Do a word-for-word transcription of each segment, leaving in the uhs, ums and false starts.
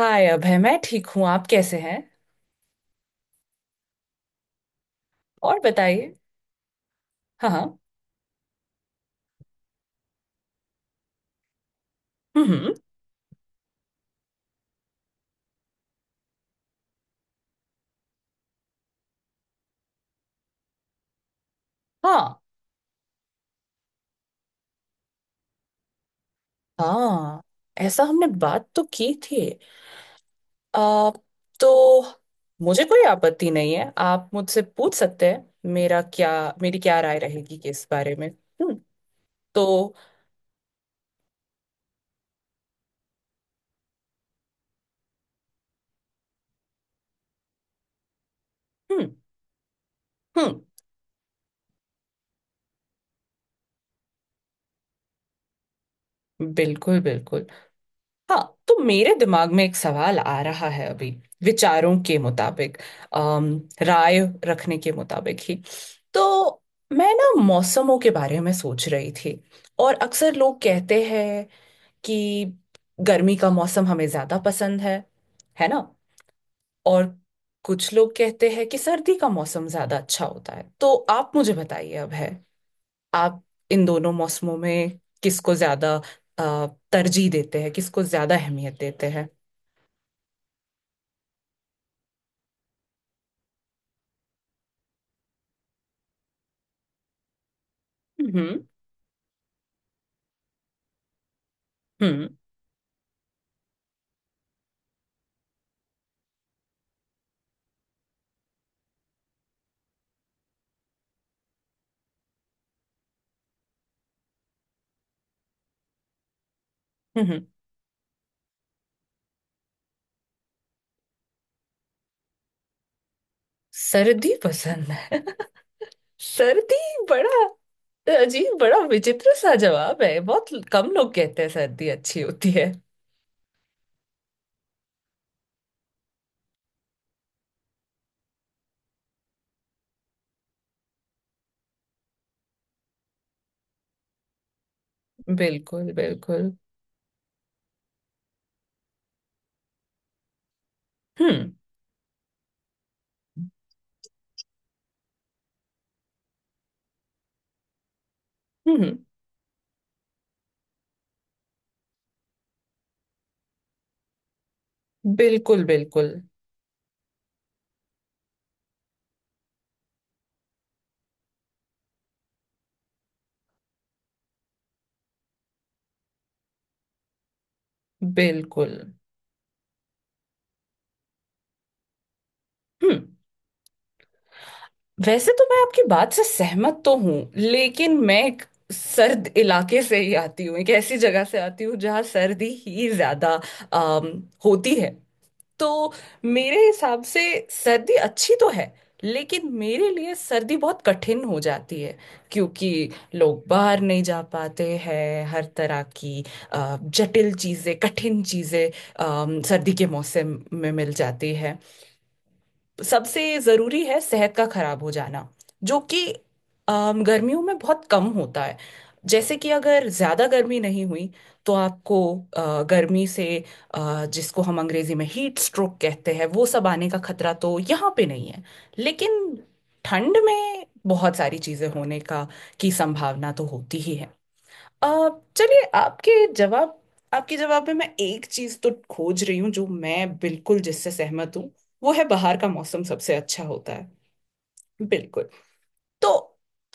हाय अभय, मैं ठीक हूँ। आप कैसे हैं? और बताइए। हाँ, हाँ। हम्म, हम्म, हाँ, हाँ। ऐसा हमने बात तो की थी। आ, तो मुझे कोई आपत्ति नहीं है, आप मुझसे पूछ सकते हैं मेरा क्या मेरी क्या राय रहेगी कि इस बारे में। हम्म। तो हम्म, हम्म। बिल्कुल, बिल्कुल। हाँ। तो मेरे दिमाग में एक सवाल आ रहा है अभी, विचारों के मुताबिक, अम, राय रखने के मुताबिक ही। तो मैं ना मौसमों के बारे में सोच रही थी, और अक्सर लोग कहते हैं कि गर्मी का मौसम हमें ज्यादा पसंद है है ना? और कुछ लोग कहते हैं कि सर्दी का मौसम ज्यादा अच्छा होता है। तो आप मुझे बताइए अब है, आप इन दोनों मौसमों में किसको ज्यादा अ, तरजीह देते हैं, किसको ज्यादा अहमियत देते हैं? हम्म, हम्म, हम्म। सर्दी पसंद है सर्दी, बड़ा अजीब, बड़ा विचित्र सा जवाब है। बहुत कम लोग कहते हैं सर्दी अच्छी होती है। बिल्कुल, बिल्कुल। हम्म, हम्म। बिल्कुल, बिल्कुल, बिल्कुल। हम्म। वैसे तो मैं आपकी बात से सहमत तो हूँ, लेकिन मैं एक सर्द इलाके से ही आती हूँ, एक ऐसी जगह से आती हूँ जहाँ सर्दी ही ज्यादा अम, होती है। तो मेरे हिसाब से सर्दी अच्छी तो है, लेकिन मेरे लिए सर्दी बहुत कठिन हो जाती है, क्योंकि लोग बाहर नहीं जा पाते हैं, हर तरह की अ, जटिल चीज़ें, कठिन चीज़ें अम, सर्दी के मौसम में मिल जाती है। सबसे ज़रूरी है सेहत का खराब हो जाना, जो कि अम, गर्मियों में बहुत कम होता है। जैसे कि अगर ज़्यादा गर्मी नहीं हुई, तो आपको अ, गर्मी से, अ, जिसको हम अंग्रेज़ी में हीट स्ट्रोक कहते हैं, वो सब आने का खतरा तो यहाँ पे नहीं है। लेकिन ठंड में बहुत सारी चीज़ें होने का की संभावना तो होती ही है। अ, चलिए, आपके जवाब आपके जवाब में मैं एक चीज तो खोज रही हूँ, जो मैं बिल्कुल जिससे सहमत हूँ। वो है, बाहर का मौसम सबसे अच्छा होता है। बिल्कुल। तो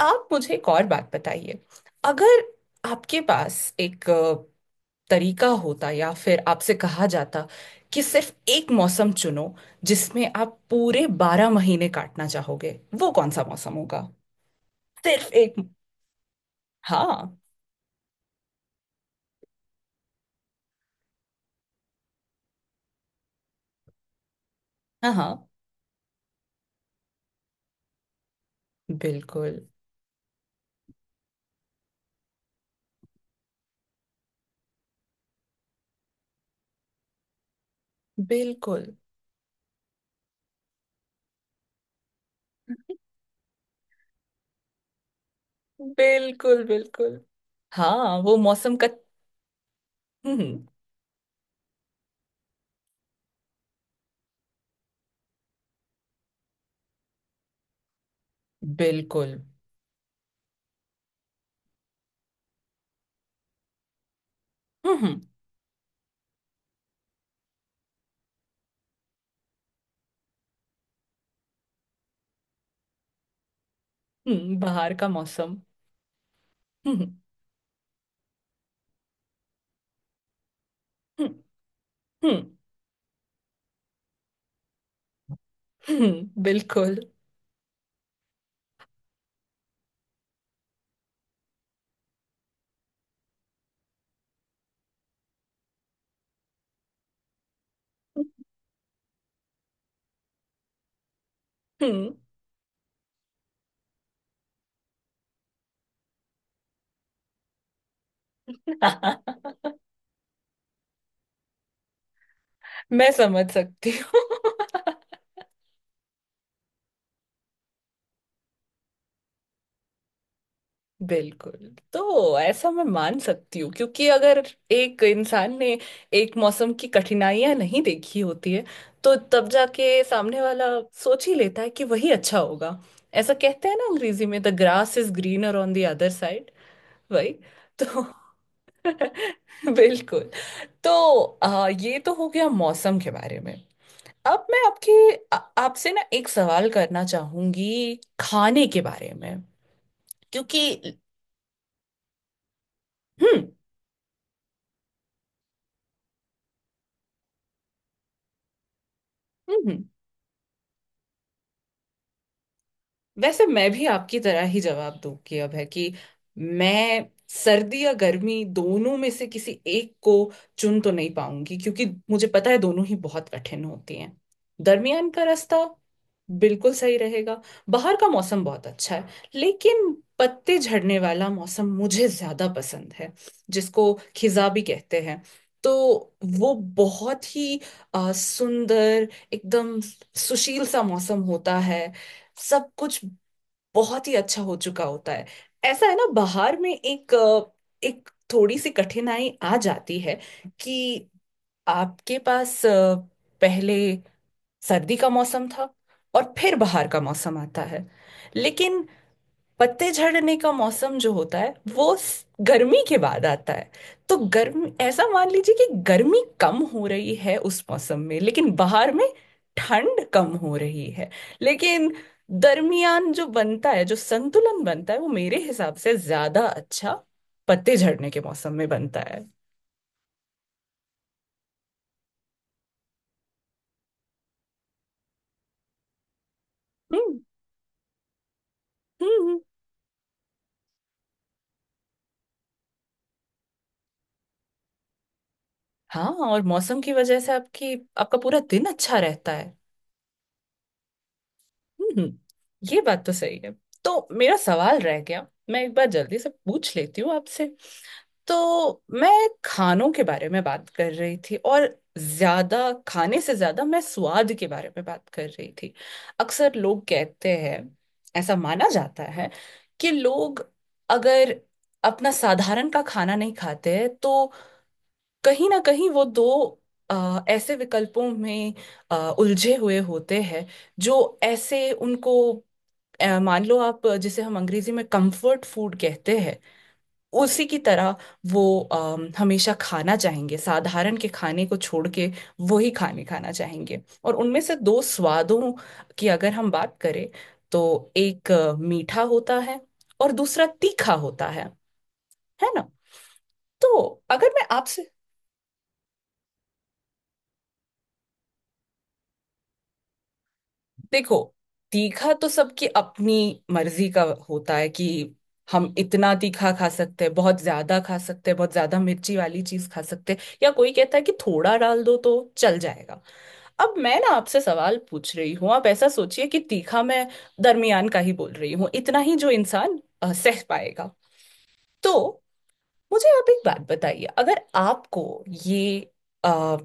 आप मुझे एक और बात बताइए, अगर आपके पास एक अ, तरीका होता, या फिर आपसे कहा जाता कि सिर्फ एक मौसम चुनो जिसमें आप पूरे बारह महीने काटना चाहोगे, वो कौन सा मौसम होगा? सिर्फ एक। हाँ, हाँ। हाँ, बिल्कुल, बिल्कुल। बिल्कुल, बिल्कुल। हाँ, वो मौसम का। हम्म। बिल्कुल। हम्म, हम्म। बाहर का मौसम। हम्म, हम्म, हम्म, हम्म, बिल्कुल। हम्म। मैं समझ सकती हूँ बिल्कुल। तो ऐसा मैं मान सकती हूँ, क्योंकि अगर एक इंसान ने एक मौसम की कठिनाइयां नहीं देखी होती है, तो तब जाके सामने वाला सोच ही लेता है कि वही अच्छा होगा। ऐसा कहते हैं ना अंग्रेजी में, the grass is greener on the other side. वही तो। बिल्कुल। तो आ, ये तो हो गया मौसम के बारे में। अब मैं आपकी आ- आपसे ना एक सवाल करना चाहूंगी, खाने के बारे में, क्योंकि हम्म, हम्म, हम्म। वैसे मैं भी आपकी तरह ही जवाब दूंगी अब है कि मैं सर्दी या गर्मी दोनों में से किसी एक को चुन तो नहीं पाऊंगी, क्योंकि मुझे पता है दोनों ही बहुत कठिन होती हैं। दरमियान का रास्ता बिल्कुल सही रहेगा। बाहर का मौसम बहुत अच्छा है, लेकिन पत्ते झड़ने वाला मौसम मुझे ज्यादा पसंद है, जिसको खिजा भी कहते हैं। तो वो बहुत ही अ, सुंदर, एकदम सुशील सा मौसम होता है। सब कुछ बहुत ही अच्छा हो चुका होता है। ऐसा है ना, बाहर में एक अ, एक थोड़ी सी कठिनाई आ जाती है, कि आपके पास अ, पहले सर्दी का मौसम था, और फिर बाहर का मौसम आता है, लेकिन पत्ते झड़ने का मौसम जो होता है वो स- गर्मी के बाद आता है। तो गर्म ऐसा मान लीजिए कि गर्मी कम हो रही है उस मौसम में, लेकिन बाहर में ठंड कम हो रही है। लेकिन दरमियान जो बनता है, जो संतुलन बनता है, वो मेरे हिसाब से ज्यादा अच्छा पत्ते झड़ने के मौसम में बनता है। हम्म, हम्म, हम्म। हाँ, और मौसम की वजह से आपकी आपका पूरा दिन अच्छा रहता है। हम्म, ये बात तो सही है। तो मेरा सवाल रह गया, मैं एक बार जल्दी से पूछ लेती हूँ आपसे। तो मैं खानों के बारे में बात कर रही थी, और ज्यादा खाने से ज्यादा मैं स्वाद के बारे में बात कर रही थी। अक्सर लोग कहते हैं, ऐसा माना जाता है कि लोग अगर अपना साधारण का खाना नहीं खाते हैं, तो कहीं ना कहीं वो दो अ, ऐसे विकल्पों में अ, उलझे हुए होते हैं, जो ऐसे उनको अ, मान लो, आप जिसे हम अंग्रेजी में कंफर्ट फूड कहते हैं, उसी की तरह वो अम, हमेशा खाना चाहेंगे, साधारण के खाने को छोड़ के, वही खाने खाना चाहेंगे। और उनमें से दो स्वादों की अगर हम बात करें, तो एक अ, मीठा होता है, और दूसरा तीखा होता है है ना? तो अगर मैं आपसे देखो, तीखा तो सबकी अपनी मर्जी का होता है कि हम इतना तीखा खा सकते हैं, बहुत ज्यादा खा सकते हैं, बहुत ज्यादा मिर्ची वाली चीज खा सकते हैं, या कोई कहता है कि थोड़ा डाल दो तो चल जाएगा। अब मैं ना आपसे सवाल पूछ रही हूँ, आप ऐसा सोचिए कि तीखा मैं दरमियान का ही बोल रही हूँ, इतना ही जो इंसान अ, सह पाएगा। तो मुझे आप एक बात बताइए, अगर आपको ये अ,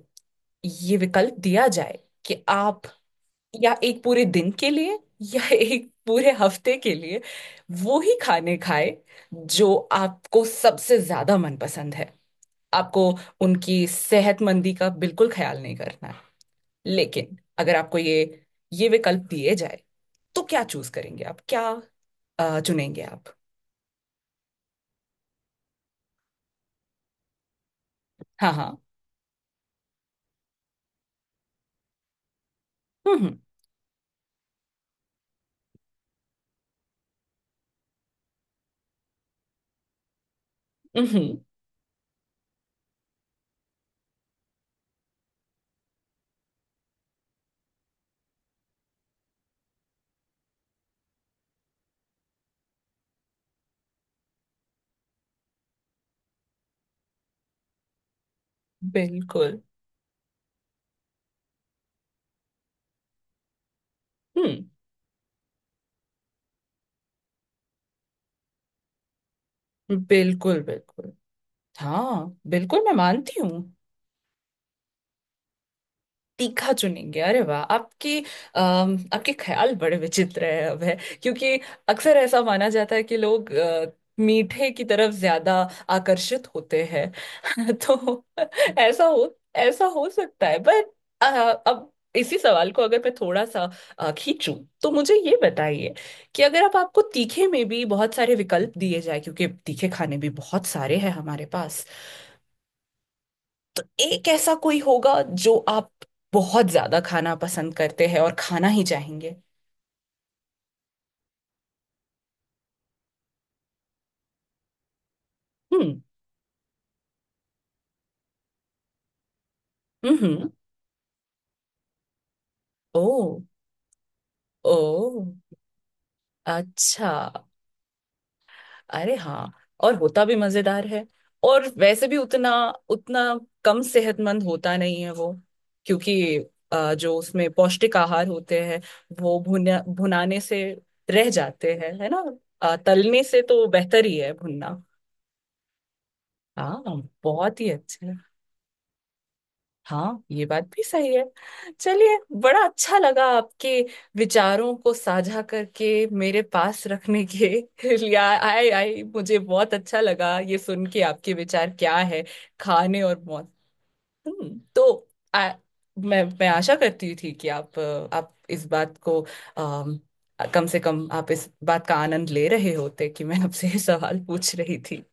ये विकल्प दिया जाए, कि आप, या एक पूरे दिन के लिए, या एक पूरे हफ्ते के लिए वो ही खाने खाए जो आपको सबसे ज्यादा मनपसंद है, आपको उनकी सेहतमंदी का बिल्कुल ख्याल नहीं करना है। लेकिन अगर आपको ये ये विकल्प दिए जाए, तो क्या चूज करेंगे आप, क्या अ, चुनेंगे आप? हाँ, हाँ। हम्म, हम्म, हम्म। बिल्कुल। हम्म। बिल्कुल, बिल्कुल। हाँ, बिल्कुल, मैं मानती हूँ। तीखा चुनेंगे, अरे वाह! आपकी अम, आपके ख्याल बड़े विचित्र है अब है, क्योंकि अक्सर ऐसा माना जाता है कि लोग अ, मीठे की तरफ ज्यादा आकर्षित होते हैं। तो ऐसा हो ऐसा हो सकता है पर, अ, अब इसी सवाल को अगर मैं थोड़ा सा अ, खींचूं, तो मुझे ये बताइए कि अगर आप आपको तीखे में भी बहुत सारे विकल्प दिए जाए, क्योंकि तीखे खाने भी बहुत सारे हैं हमारे। एक ऐसा कोई होगा जो आप बहुत ज्यादा खाना पसंद करते हैं और खाना ही चाहेंगे? हम्म, हम्म। ओ। ओ, अच्छा। अरे हाँ, और होता भी मजेदार है। और वैसे भी उतना उतना कम सेहतमंद होता नहीं है वो, क्योंकि अ, जो उसमें पौष्टिक आहार होते हैं, वो भुना भुनाने से रह जाते हैं, है ना? अ, तलने से तो बेहतर ही है भुनना। हाँ, बहुत ही अच्छा। हाँ, ये बात भी सही है। चलिए, बड़ा अच्छा लगा आपके विचारों को साझा करके, मेरे पास रखने के लिए आए आए मुझे बहुत अच्छा लगा ये सुन के आपके विचार क्या है, खाने और मौत। हम्म, तो आ, मैं मैं आशा करती थी कि आप अ, आप इस बात को, अम, कम से कम आप इस बात का आनंद ले रहे होते कि मैं आपसे ये सवाल पूछ रही थी।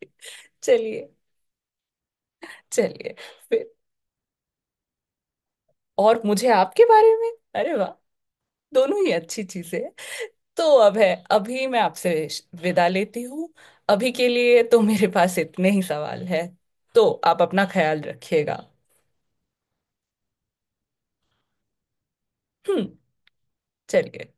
चलिए। चलिए, फिर, और मुझे आपके बारे में, अरे वाह! दोनों ही अच्छी चीजें हैं। तो अब है, अभी मैं आपसे विदा लेती हूँ, अभी के लिए तो मेरे पास इतने ही सवाल है। तो आप अपना ख्याल रखिएगा। हम्म। चलिए।